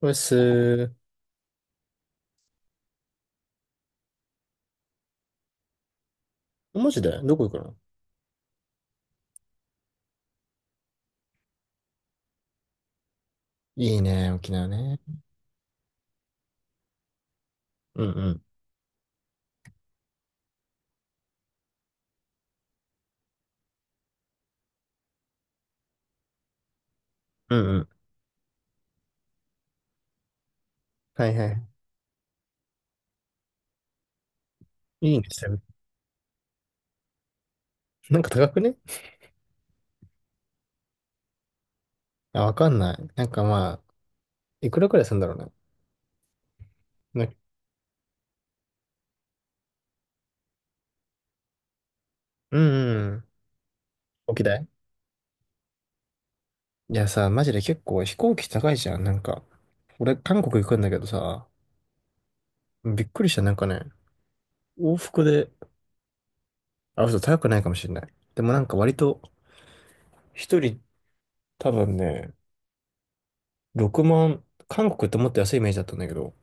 うっすー。マジでどこ行くの？いいね、沖縄ね。うんうん。うんうん。はいはい。いいね、調べて。なんか高くね？あ、わかんない。なんかまあ、いくらくらいするんだろうね。な。うんうん。沖縄い。やさ、マジで結構飛行機高いじゃん。なんか、俺韓国行くんだけどさ、びっくりした。なんかね、往復で、あ、嘘、高くないかもしれない。でもなんか割と、一人多分ね、6万、韓国ってもっと安いイメージだったんだけど、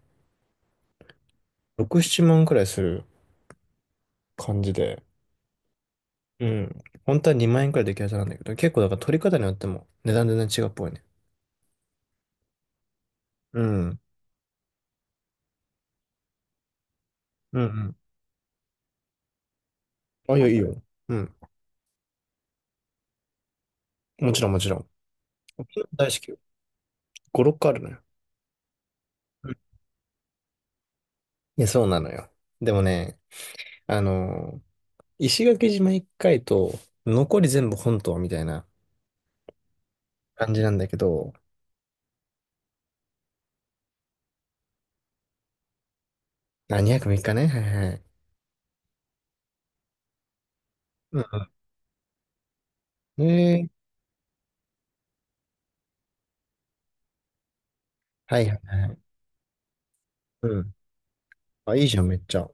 6、7万くらいする感じで、うん。本当は2万円くらいできるはずなんだけど、結構だから取り方によっても値段全然違うっぽいね。うん。うんうん。あ、いや、いいよ。うん。もちろんもちろん。沖縄大好きよ。5、6個あるのよ。うん。いや、そうなのよ。でもね、あのー石垣島1回と、残り全部本島みたいな感じなんだけど、あ、2泊3日ね。はいはい。うんうん。はいはいはい。うん。あ、いいじゃん、めっちゃ。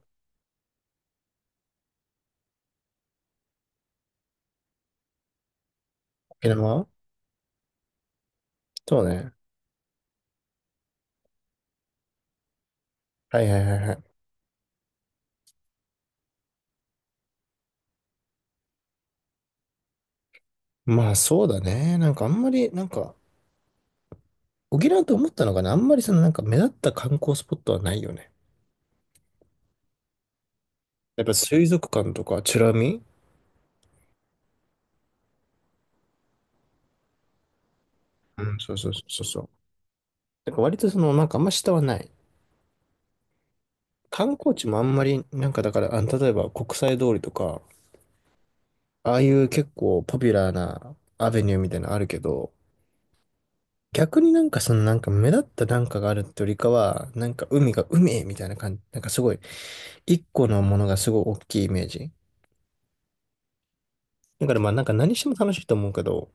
沖縄。そうね。はいはいはいはい。まあそうだね。なんかあんまり、なんか、沖縄と思ったのがね、あんまりそのなんか目立った観光スポットはないよね。やっぱ水族館とか、チュラミ。うん、そうそうそうそう。なんか割とその、なんかあんま下はない。観光地もあんまり、なんかだから、あの例えば国際通りとか、ああいう結構ポピュラーなアベニューみたいなのあるけど、逆になんかそのなんか目立ったなんかがあるってよりかは、なんか海が海みたいな感じ、なんかすごい、一個のものがすごい大きいイメージ。だからまあなんか何しても楽しいと思うけど、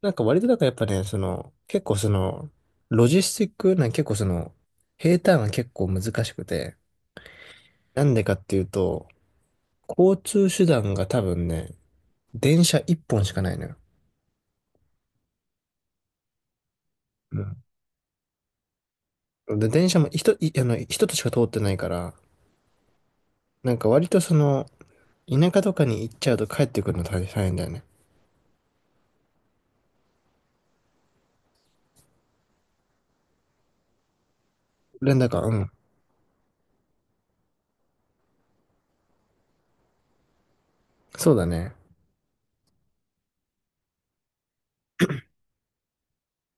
なんか割となんかやっぱね、その、結構その、ロジスティックなん結構その、平坦が結構難しくて、なんでかっていうと、交通手段が多分ね、電車一本しかないのよ。うん。で、電車も一つしか通ってないから、なんか割とその、田舎とかに行っちゃうと帰ってくるの大変だよね。連絡は、うん。そうだね。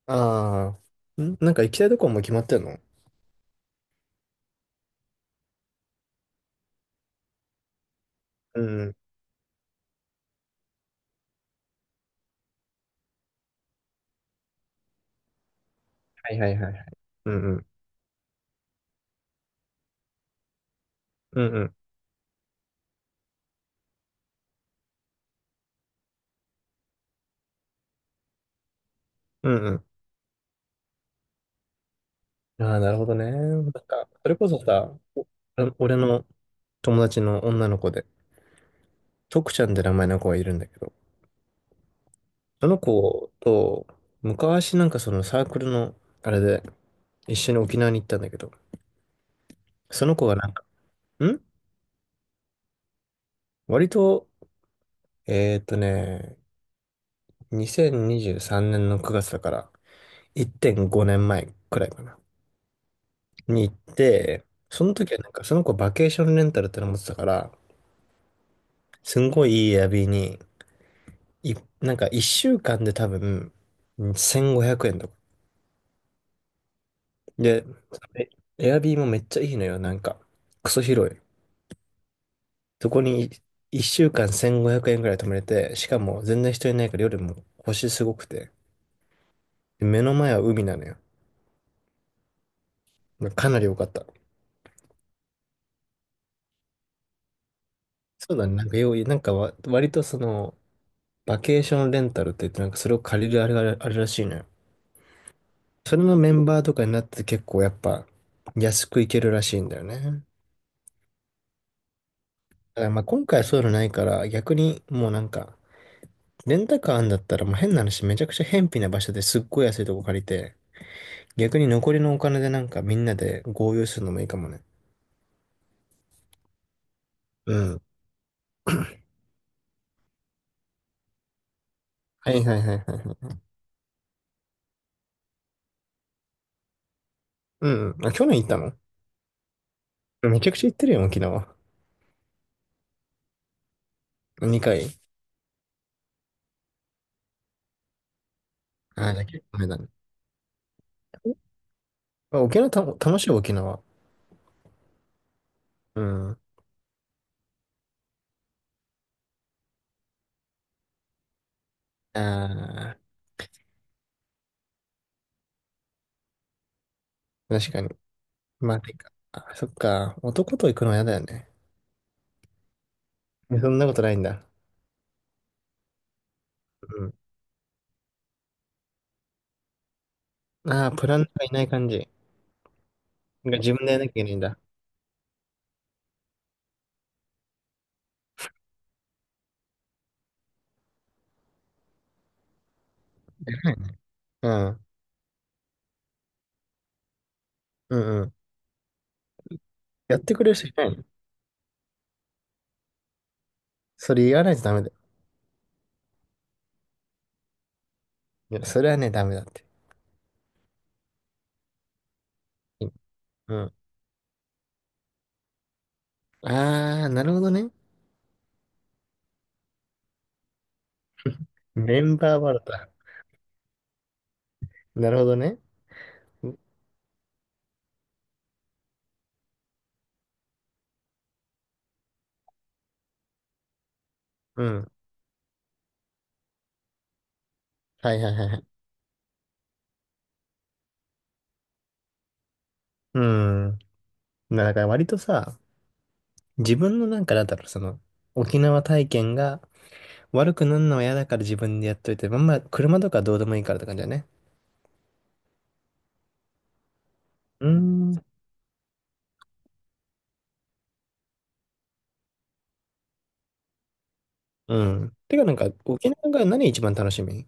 ああ、なんか行きたいとこはもう決まってんの？うん。はいはいはいはい。うんうん。うんうん。うんうん。ああ、なるほどね。なんか、それこそさ、俺の友達の女の子で、徳ちゃんって名前の子がいるんだけど、その子と、昔なんかそのサークルの、あれで、一緒に沖縄に行ったんだけど、その子がなんか、ん。割と、えーっとね、2023年の9月だから、1.5年前くらいかな、に行って、その時はなんか、その子バケーションレンタルっての持ってたから、すんごいいいエアビーに、い、なんか一週間で多分、うん1500円とか。で、えエアビーもめっちゃいいのよ、なんか。クソ広い。そこに一週間1500円くえんくらい泊まれて、しかも全然人いないから夜も星すごくて。で目の前は海なのよ。かなり良かった。そうだね、なんかなんか割とその、バケーションレンタルって言って、なんかそれを借りるあれがあるらしいのよ。それのメンバーとかになって結構やっぱ安く行けるらしいんだよね。だからまあ今回はそういうのないから、逆にもうなんか、レンタカーあんだったら、もう変な話、めちゃくちゃ偏僻な場所ですっごい安いとこ借りて、逆に残りのお金でなんかみんなで合流するのもいいかもね。うん。はいはいはいはいはい。うんうん。あ、去年行ったの？めちゃくちゃ行ってるよ、沖縄。2回。ああ、じゃあ結構前だね。あ沖縄た、楽しいよ、沖縄。うん。ああ、確かに。まあ、てか、あ、そっか。男と行くのは嫌だよね。え、そんなことないんだ？うん。ああ、プランナーがいない感じ。なんか自分でやらなきゃいけないんだ。うん。うんうん。やってくれる人いないの？それ言わないとダメだよ。いや、それはね、ダメだって。うん。あー、なるほどね。メンバーバラだ。なるほどね。うん。はいはいはいはい。うん。だから割とさ、自分のなんかなんだろう、その、沖縄体験が悪くなるのは嫌だから自分でやっといて、まあまあ、車とかどうでもいいからって感じだね。うーん。うん。てかなんか、沖縄が何一番楽しみ？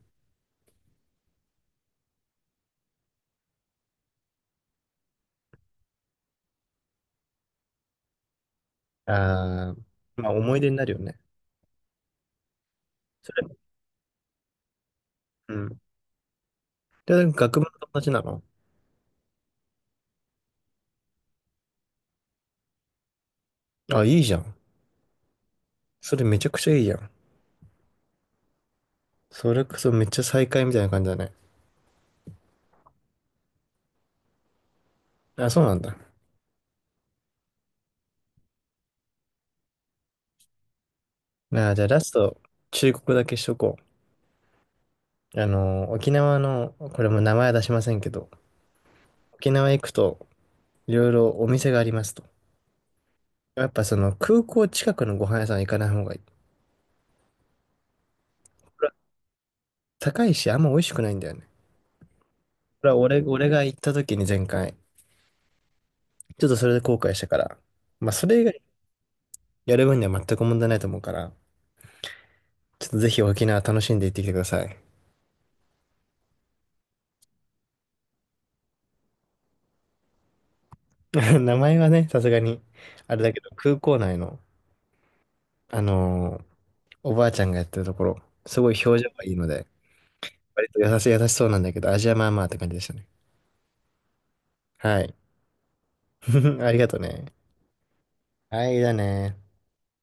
ああー、まあ思い出になるよね。それ、うん。で、なんか学部の友達なの？あ、いいじゃん。それめちゃくちゃいいじゃん。それこそめっちゃ再会みたいな感じだね。あ、そうなんだ。まあー、じゃあラスト、忠告だけしとこう。沖縄の、これも名前は出しませんけど、沖縄行くと、いろいろお店がありますと。やっぱその空港近くのご飯屋さん行かない方がいい。高いし、あんま美味しくないんだよね。これは俺が行った時に前回、ちょっとそれで後悔したから、まあそれ以外やる分には全く問題ないと思うから、ちょっとぜひ沖縄楽しんで行ってきてください。名前はね、さすがに、あれだけど、空港内の、あのーおばあちゃんがやってるところ、すごい表情がいいので、割と優しい、優しそうなんだけど、味はまあまあって感じでしたね。はい。ありがとうね。はい、だね。